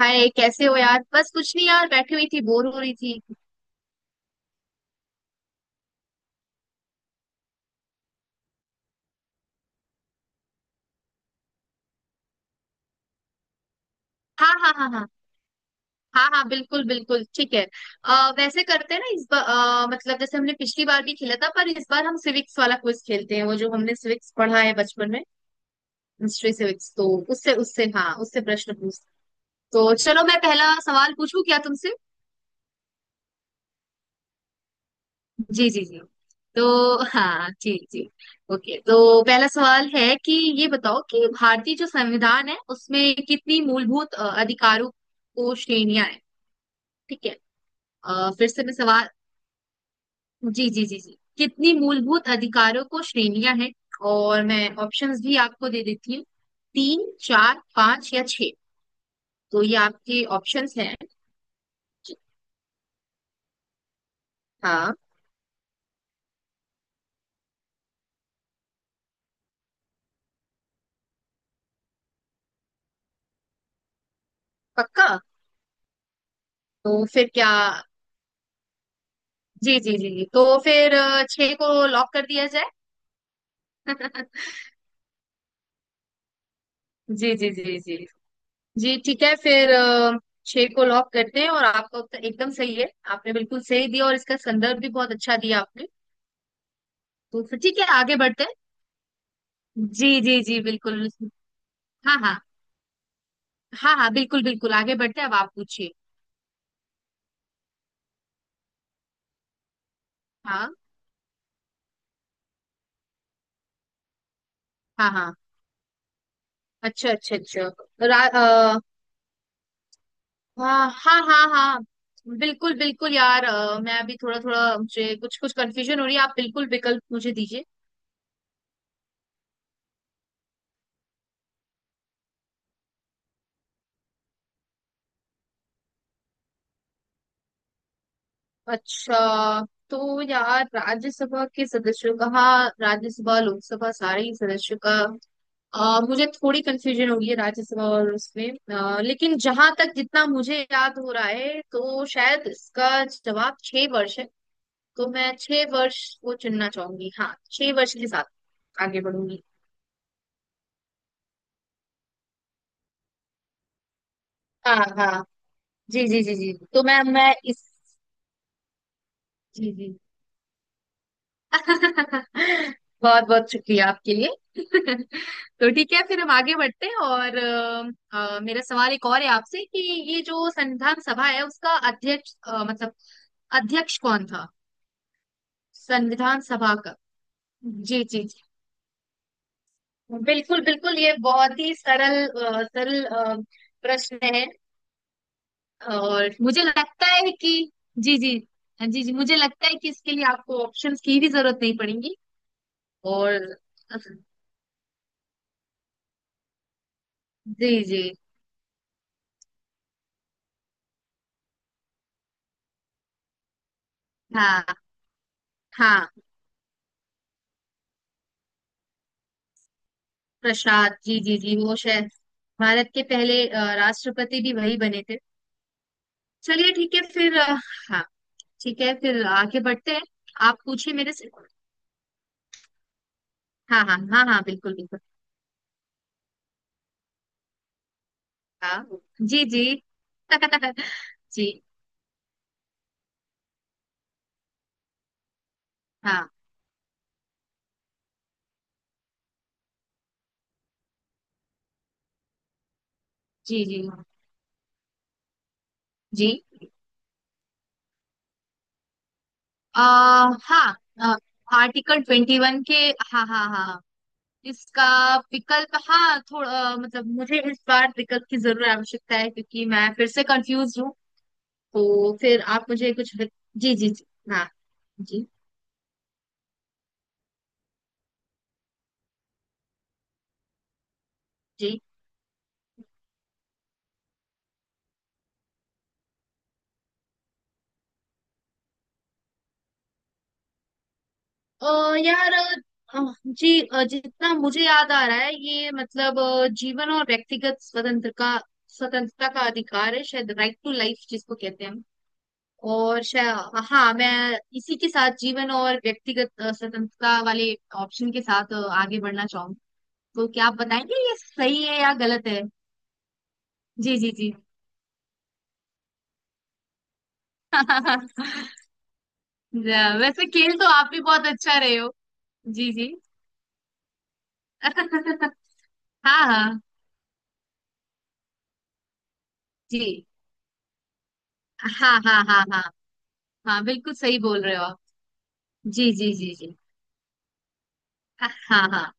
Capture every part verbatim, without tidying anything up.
हाय, कैसे हो यार? बस कुछ नहीं यार, बैठी हुई थी, बोर हो रही थी। हाँ, हाँ, हाँ, हाँ। हाँ, हाँ, बिल्कुल बिल्कुल ठीक है। अ, वैसे करते हैं ना इस बार। अ, मतलब जैसे हमने पिछली बार भी खेला था, पर इस बार हम सिविक्स वाला क्विज खेलते हैं, वो जो हमने सिविक्स पढ़ा है बचपन में। हिस्ट्री सिविक्स तो उससे उससे हाँ, उससे प्रश्न पूछ। तो चलो, मैं पहला सवाल पूछूं क्या तुमसे? जी, जी, जी। तो हाँ, जी, जी। ओके, तो पहला सवाल है कि ये बताओ कि भारतीय जो संविधान है उसमें कितनी मूलभूत अ, अधिकारों को श्रेणियां हैं? ठीक है। अ, फिर से मैं सवाल। जी, जी, जी, जी, कितनी मूलभूत अधिकारों को श्रेणियां हैं? और मैं ऑप्शंस भी आपको दे देती हूँ। तीन, चार, पांच या छह। तो ये आपके ऑप्शंस हैं। हाँ। पक्का? तो फिर क्या? जी, जी, जी, जी, तो फिर अ, छह को लॉक कर दिया जाए। जी, जी, जी, जी, जी, ठीक है फिर अ, छह को लॉक करते हैं और आपका उत्तर एकदम सही है। आपने बिल्कुल सही दिया और इसका संदर्भ भी बहुत अच्छा दिया आपने। तो फिर ठीक है, आगे बढ़ते हैं। जी, जी, जी, बिल्कुल। हाँ, हाँ, हाँ, हाँ, बिल्कुल बिल्कुल, आगे बढ़ते हैं, अब आप पूछिए। हाँ, हाँ, हाँ, अच्छा अच्छा अच्छा। रा, अ, हाँ, हाँ, हाँ, हाँ, बिल्कुल बिल्कुल यार, अ, मैं अभी थोड़ा थोड़ा, मुझे कुछ कुछ कंफ्यूजन हो रही है, आप बिल्कुल विकल्प मुझे दीजिए। अच्छा। तो यार राज्यसभा के सदस्यों का, हाँ, राज्यसभा लोकसभा सारे ही सदस्यों का। अ, मुझे थोड़ी कंफ्यूजन हो गई है राज्यसभा और उसमें। अ, लेकिन जहां तक जितना मुझे याद हो रहा है, तो शायद इसका जवाब छह वर्ष है। तो मैं छह वर्ष को चुनना चाहूंगी, हाँ, छह वर्ष के साथ आगे बढ़ूंगी। हाँ, हाँ। जी, जी, जी, जी, तो मैं मैं इस। जी, जी। बहुत बहुत शुक्रिया आपके लिए। तो ठीक है, फिर हम आगे बढ़ते हैं और अ, अ, मेरा सवाल एक और है आपसे कि ये जो संविधान सभा है उसका अध्यक्ष अ, मतलब अध्यक्ष कौन था? संविधान सभा का। जी, जी, जी, बिल्कुल बिल्कुल, ये बहुत ही सरल अ, सरल अ, प्रश्न है, और मुझे लगता है कि जी, जी, जी, जी, मुझे लगता है कि इसके लिए आपको ऑप्शंस की भी जरूरत नहीं पड़ेगी। और जी, जी, हाँ, हाँ, प्रसाद जी, जी, जी, वो शायद भारत के पहले अ, राष्ट्रपति भी वही बने थे। चलिए ठीक है फिर अ, हाँ, ठीक है, फिर आगे बढ़ते हैं। आप पूछिए मेरे से। हाँ, हाँ, हाँ, हाँ, बिल्कुल बिल्कुल। हाँ, जी, जी। जी। हाँ, जी, जी, जी, आ, हाँ, आर्टिकल ट्वेंटी वन के। हाँ, हाँ, हाँ, इसका विकल्प, हाँ, थोड़ा मतलब, मुझे इस बार विकल्प की जरूर आवश्यकता है, क्योंकि मैं फिर से कंफ्यूज हूँ। तो फिर आप मुझे कुछ, जी, जी, जी। हाँ, जी, जी, अ, यार, अ, जी, अ, जितना मुझे याद आ रहा है ये मतलब अ, जीवन और व्यक्तिगत स्वतंत्र का स्वतंत्रता का अधिकार है, शायद राइट टू लाइफ जिसको कहते हैं हम। और शायद, हाँ, मैं इसी के साथ जीवन और व्यक्तिगत अ, स्वतंत्रता वाले ऑप्शन के साथ अ, आगे बढ़ना चाहूँ। तो क्या आप बताएंगे ये सही है या गलत है? जी, जी, जी। वैसे खेल तो आप भी बहुत अच्छा रहे हो। जी, जी। हाँ, हाँ, जी, हाँ, हाँ, हाँ, हाँ, हाँ, बिल्कुल सही बोल रहे हो आप। जी, जी, जी, जी, हाँ, हाँ,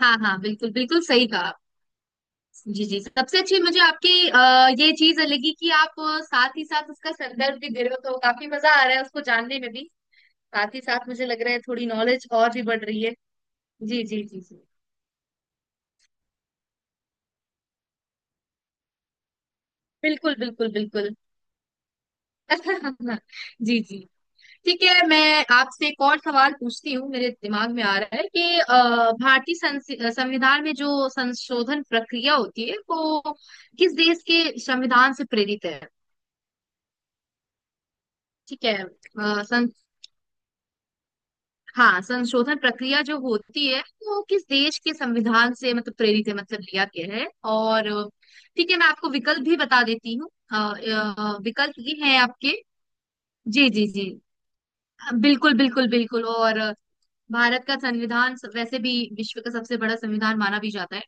हाँ, हाँ, बिल्कुल बिल्कुल सही कहा आप। जी, जी, सबसे अच्छी मुझे आपकी आ, ये चीज लगी कि आप अ, साथ ही साथ उसका संदर्भ भी दे रहे हो, तो काफी मजा आ रहा है उसको जानने में भी। साथ ही साथ मुझे लग रहा है थोड़ी नॉलेज और भी बढ़ रही है। जी, जी, जी, जी, बिल्कुल बिल्कुल बिल्कुल। जी, जी। ठीक है, मैं आपसे एक और सवाल पूछती हूँ, मेरे दिमाग में आ रहा है कि अ, भारतीय संस- संविधान में जो संशोधन प्रक्रिया होती है वो किस देश के संविधान से प्रेरित है? ठीक है, अ, सं, हाँ, संशोधन प्रक्रिया जो होती है वो किस देश के संविधान से मतलब प्रेरित है, मतलब लिया गया है। और अ, ठीक है, मैं आपको विकल्प भी बता देती हूँ। अ, अ, विकल्प ये है आपके। जी, जी, जी, बिल्कुल बिल्कुल बिल्कुल, और भारत का संविधान स- वैसे भी विश्व का सबसे बड़ा संविधान माना भी जाता है।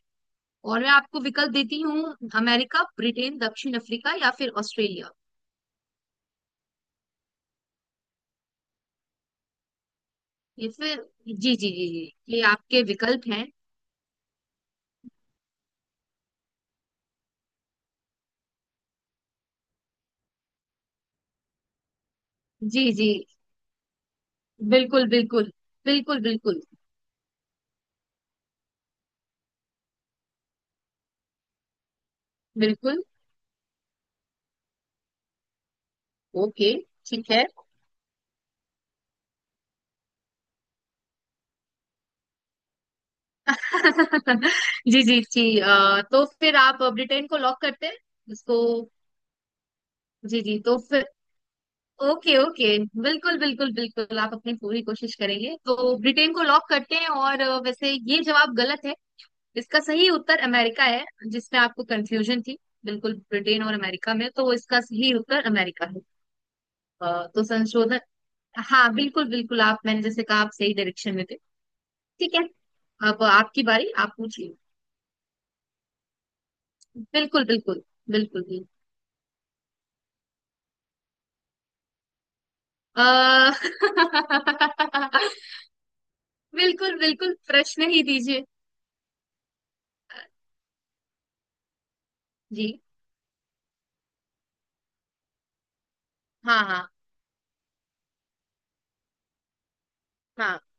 और मैं आपको विकल्प देती हूँ, अमेरिका, ब्रिटेन, दक्षिण अफ्रीका या फिर ऑस्ट्रेलिया। ये फिर जी, जी, जी, जी, ये आपके विकल्प हैं। जी, जी, बिल्कुल बिल्कुल बिल्कुल बिल्कुल बिल्कुल, ओके, ठीक है। जी, जी, जी, अ, तो फिर आप ब्रिटेन को लॉक करते हैं इसको? जी, जी, तो फिर ओके, ओके। बिल्कुल बिल्कुल बिल्कुल, आप अपनी पूरी कोशिश करेंगे, तो ब्रिटेन को लॉक करते हैं और अ, वैसे ये जवाब गलत है। इसका सही उत्तर अमेरिका है, जिसमें आपको कंफ्यूजन थी। बिल्कुल ब्रिटेन और अमेरिका में, तो इसका सही उत्तर अमेरिका है। अ, तो संशोधन, हाँ, बिल्कुल बिल्कुल, आप, मैंने जैसे कहा, आप सही डायरेक्शन में थे। ठीक है, अब आपकी बारी, आप पूछिए। बिल्कुल बिल्कुल बिल्कुल भी, आ, बिल्कुल बिल्कुल प्रश्न ही दीजिए। जी, हाँ, हाँ, हाँ।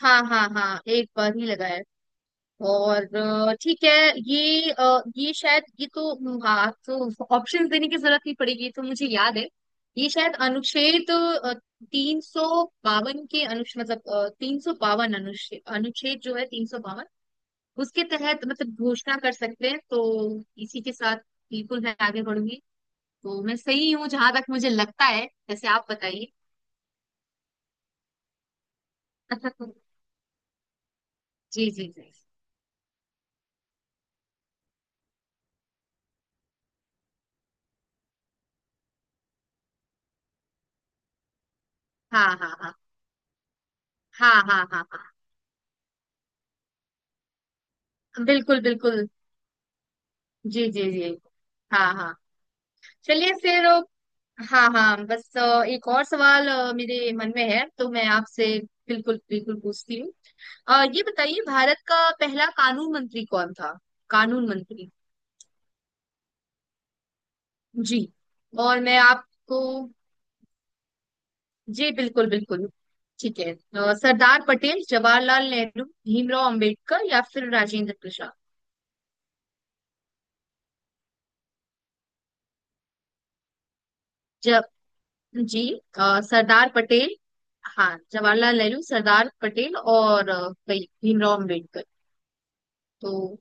हाँ, हाँ, हाँ, एक बार ही लगा है। और अ, ठीक है, ये अ, ये शायद, ये तो हम्म, हाँ, तो ऑप्शन देने की जरूरत नहीं पड़ेगी, ये तो मुझे याद है। ये शायद अनुच्छेद तीन सौ बावन के अनुच्छेद, मतलब तीन सौ बावन अनुच्छेद अनुच्छेद जो है तीन सौ बावन। उसके तहत मतलब घोषणा कर सकते हैं, तो इसी के साथ बिल्कुल मैं आगे बढ़ूंगी। तो मैं सही हूँ, जहां तक मुझे लगता है, जैसे आप बताइए। जी, जी, जी, हाँ, हाँ, हाँ, हाँ, हाँ, हाँ, हाँ, बिल्कुल बिल्कुल, जी, जी, जी, हाँ, हाँ, चलिए फिर अ, हाँ, हाँ, बस अ, एक और सवाल अ, मेरे मन में है, तो मैं आपसे बिल्कुल बिल्कुल पूछती हूँ। अ, ये बताइए, भारत का पहला कानून मंत्री कौन था? कानून मंत्री। जी, और मैं आपको जी, बिल्कुल बिल्कुल। ठीक है, अ, सरदार पटेल, जवाहरलाल नेहरू, भीमराव अंबेडकर या फिर राजेंद्र प्रसाद। जब जी, अ, सरदार पटेल। हाँ, जवाहरलाल नेहरू, सरदार पटेल और अ, भाई भीमराव अम्बेडकर। तो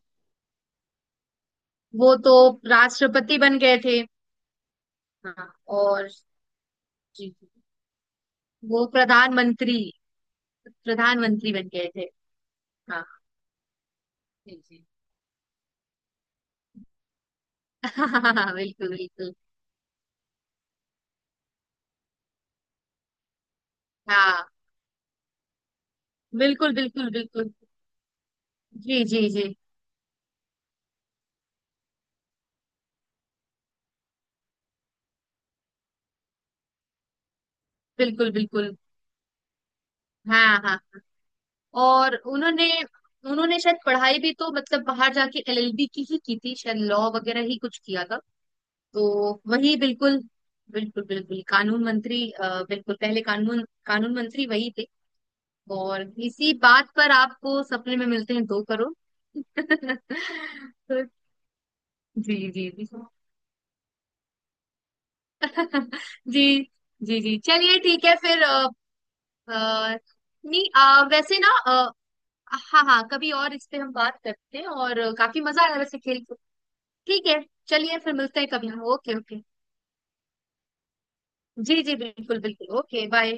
वो तो राष्ट्रपति बन गए थे। हाँ, और जी, जी, वो प्रधानमंत्री, प्रधानमंत्री बन गए थे। हाँ, जी, जी। बिल्कुल बिल्कुल, हाँ, बिल्कुल बिल्कुल बिल्कुल, जी, जी, जी, बिल्कुल बिल्कुल, हाँ, हाँ, हाँ। और उन्होंने उन्होंने शायद पढ़ाई भी, तो मतलब बाहर जाके एलएलबी की ही की थी, शायद लॉ वगैरह ही कुछ किया था। तो वही बिल्कुल, बिल्कुल बिल्कुल कानून मंत्री, अ, बिल्कुल पहले कानून कानून मंत्री वही थे। और इसी बात पर आपको सपने में मिलते हैं दो करोड़। तो जी, जी, जी। जी, जी, जी, चलिए ठीक है फिर अ, अ, नहीं, अ, वैसे ना अ, हाँ, हाँ, कभी और इस पे हम बात करते हैं, और काफी मजा आया वैसे खेल के। ठीक है, चलिए फिर मिलते हैं कभी, ओके, ओके। जी, जी, बिल्कुल बिल्कुल, ओके, बाय।